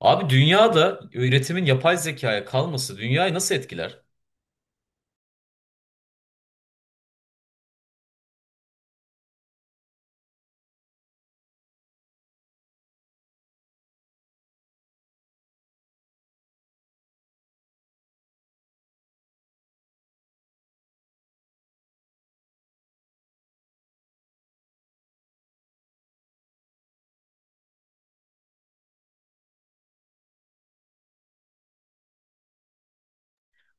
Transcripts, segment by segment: Abi, dünyada üretimin yapay zekaya kalması dünyayı nasıl etkiler?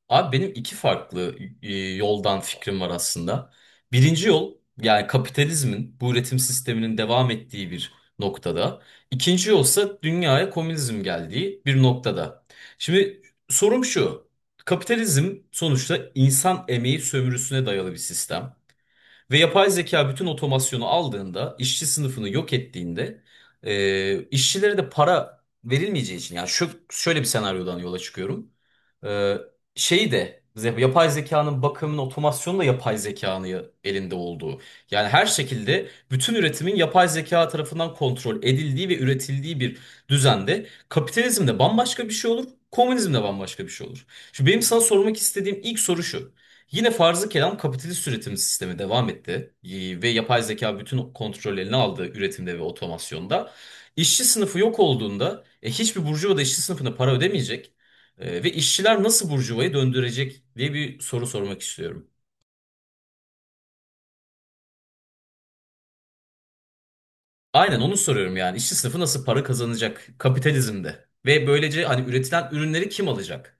Abi, benim iki farklı yoldan fikrim var aslında. Birinci yol, yani kapitalizmin bu üretim sisteminin devam ettiği bir noktada. İkinci yolsa dünyaya komünizm geldiği bir noktada. Şimdi sorum şu. Kapitalizm sonuçta insan emeği sömürüsüne dayalı bir sistem. Ve yapay zeka bütün otomasyonu aldığında, işçi sınıfını yok ettiğinde, işçilere de para verilmeyeceği için, yani şu şöyle bir senaryodan yola çıkıyorum. E, şeyi de yapay zekanın bakımının otomasyonu da yapay zekanın elinde olduğu. Yani her şekilde bütün üretimin yapay zeka tarafından kontrol edildiği ve üretildiği bir düzende kapitalizmde bambaşka bir şey olur, komünizmde bambaşka bir şey olur. Şimdi benim sana sormak istediğim ilk soru şu. Yine farzı kelam kapitalist üretim sistemi devam etti, ve yapay zeka bütün kontrol eline aldı üretimde ve otomasyonda. İşçi sınıfı yok olduğunda hiçbir burjuva da işçi sınıfına para ödemeyecek. Ve işçiler nasıl burjuvayı döndürecek diye bir soru sormak istiyorum. Aynen onu soruyorum, yani işçi sınıfı nasıl para kazanacak kapitalizmde ve böylece hani üretilen ürünleri kim alacak?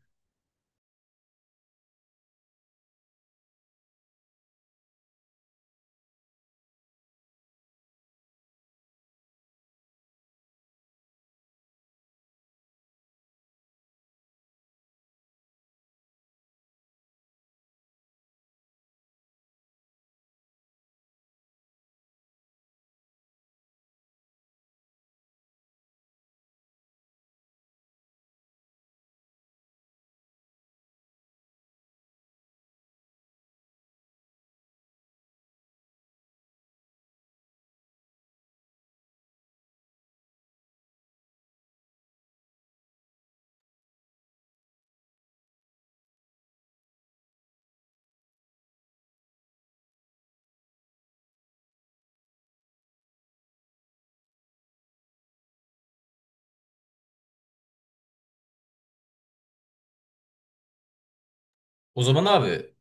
O zaman abi,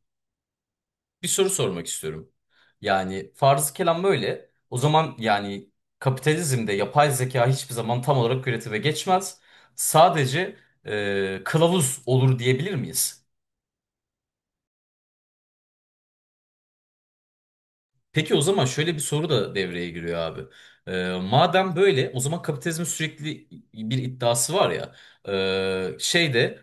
bir soru sormak istiyorum. Yani farz kelam böyle. O zaman yani kapitalizmde yapay zeka hiçbir zaman tam olarak üretime geçmez. Sadece kılavuz olur diyebilir miyiz? Peki, o zaman şöyle bir soru da devreye giriyor abi. Madem böyle, o zaman kapitalizmin sürekli bir iddiası var ya. Şeyde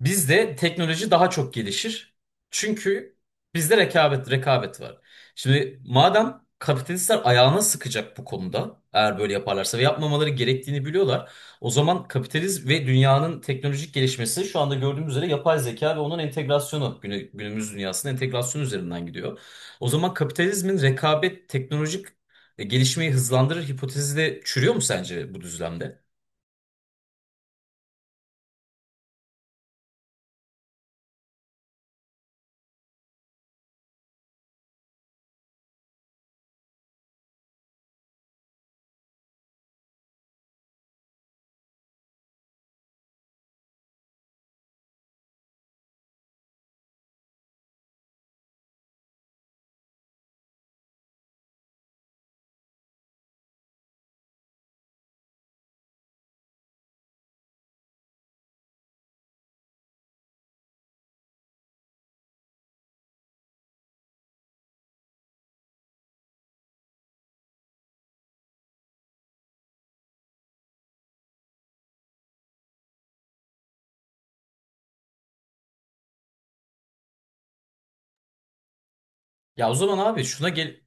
bizde teknoloji daha çok gelişir. Çünkü bizde rekabet var. Şimdi madem kapitalistler ayağına sıkacak bu konuda eğer böyle yaparlarsa ve yapmamaları gerektiğini biliyorlar. O zaman kapitalizm ve dünyanın teknolojik gelişmesi şu anda gördüğümüz üzere yapay zeka ve onun entegrasyonu günümüz dünyasının entegrasyonu üzerinden gidiyor. O zaman kapitalizmin rekabet teknolojik gelişmeyi hızlandırır hipotezi de çürüyor mu sence bu düzlemde? Ya o zaman abi, şuna gel,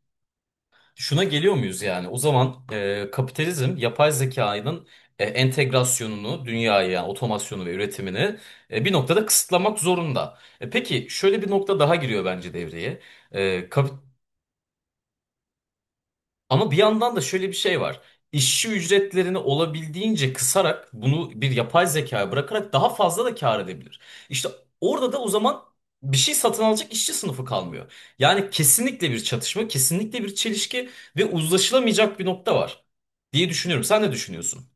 şuna geliyor muyuz yani? O zaman kapitalizm yapay zekanın entegrasyonunu, dünyaya yani otomasyonu ve üretimini bir noktada kısıtlamak zorunda. Peki şöyle bir nokta daha giriyor bence devreye. E, kap- ama bir yandan da şöyle bir şey var. İşçi ücretlerini olabildiğince kısarak bunu bir yapay zekaya bırakarak daha fazla da kâr edebilir. İşte orada da o zaman bir şey satın alacak işçi sınıfı kalmıyor. Yani kesinlikle bir çatışma, kesinlikle bir çelişki ve uzlaşılamayacak bir nokta var diye düşünüyorum. Sen ne düşünüyorsun?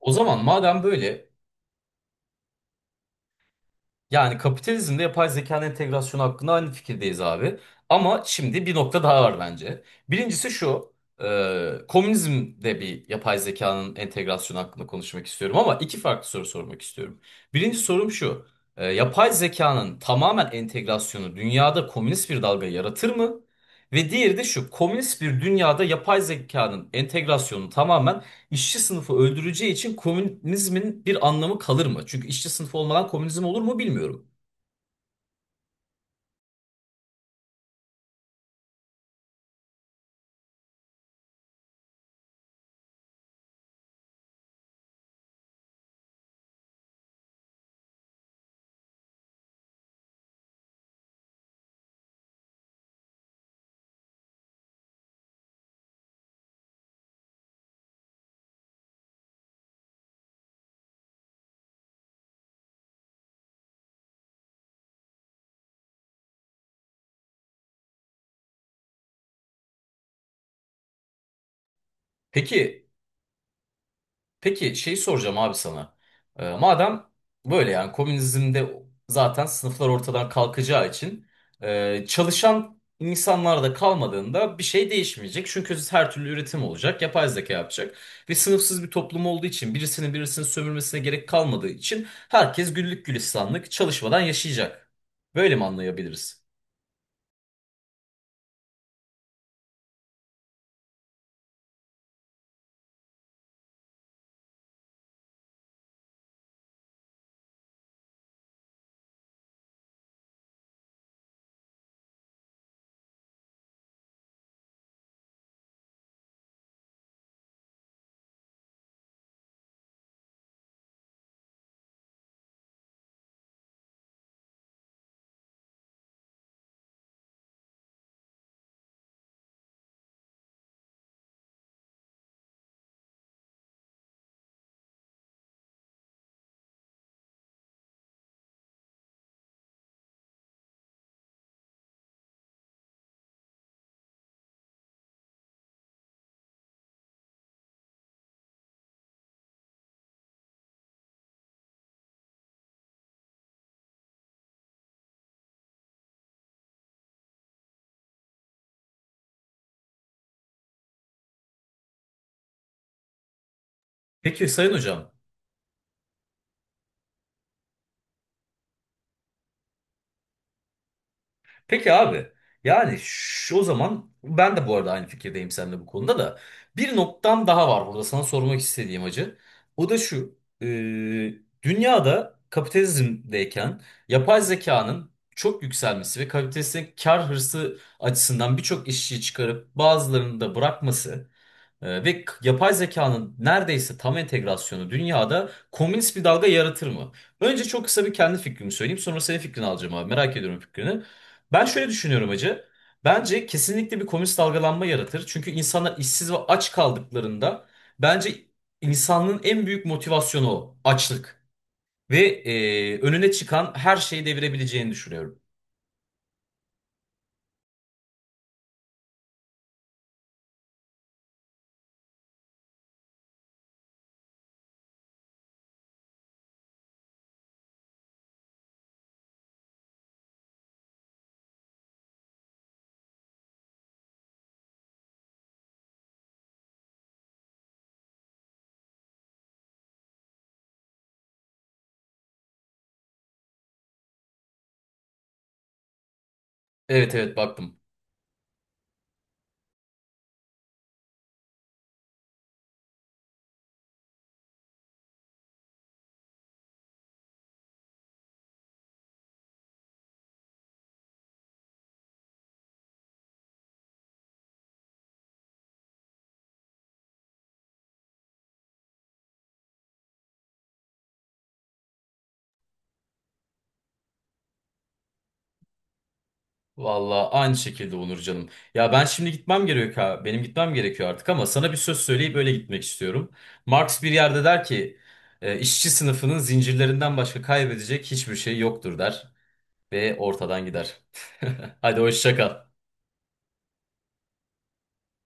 O zaman madem böyle, yani kapitalizmde yapay zekanın entegrasyonu hakkında aynı fikirdeyiz abi. Ama şimdi bir nokta daha var bence. Birincisi şu, komünizmde bir yapay zekanın entegrasyonu hakkında konuşmak istiyorum ama iki farklı soru sormak istiyorum. Birinci sorum şu, yapay zekanın tamamen entegrasyonu dünyada komünist bir dalga yaratır mı? Ve diğeri de şu, komünist bir dünyada yapay zekanın entegrasyonu tamamen İşçi sınıfı öldüreceği için komünizmin bir anlamı kalır mı? Çünkü işçi sınıfı olmadan komünizm olur mu bilmiyorum. Peki, peki şeyi soracağım abi sana. Madem böyle, yani komünizmde zaten sınıflar ortadan kalkacağı için çalışan insanlar da kalmadığında bir şey değişmeyecek. Çünkü her türlü üretim olacak, yapay zeka yapacak. Ve sınıfsız bir toplum olduğu için birisinin sömürmesine gerek kalmadığı için herkes güllük gülistanlık çalışmadan yaşayacak. Böyle mi anlayabiliriz? Peki Sayın Hocam. Peki abi. Yani şu, o zaman ben de bu arada aynı fikirdeyim seninle bu konuda da. Bir noktam daha var burada sana sormak istediğim hacı. O da şu. Dünyada kapitalizmdeyken yapay zekanın çok yükselmesi ve kapitalistin kar hırsı açısından birçok işçiyi çıkarıp bazılarını da bırakması. Yapay zekanın neredeyse tam entegrasyonu dünyada komünist bir dalga yaratır mı? Önce çok kısa bir kendi fikrimi söyleyeyim, sonra senin fikrini alacağım abi. Merak ediyorum fikrini. Ben şöyle düşünüyorum hacı. Bence kesinlikle bir komünist dalgalanma yaratır. Çünkü insanlar işsiz ve aç kaldıklarında, bence insanlığın en büyük motivasyonu o, açlık. Ve önüne çıkan her şeyi devirebileceğini düşünüyorum. Evet, evet, baktım. Vallahi aynı şekilde Onur canım. Ya ben şimdi gitmem gerekiyor ha. Benim gitmem gerekiyor artık, ama sana bir söz söyleyip öyle gitmek istiyorum. Marx bir yerde der ki: işçi sınıfının zincirlerinden başka kaybedecek hiçbir şey yoktur," der ve ortadan gider. Hadi hoşça kal.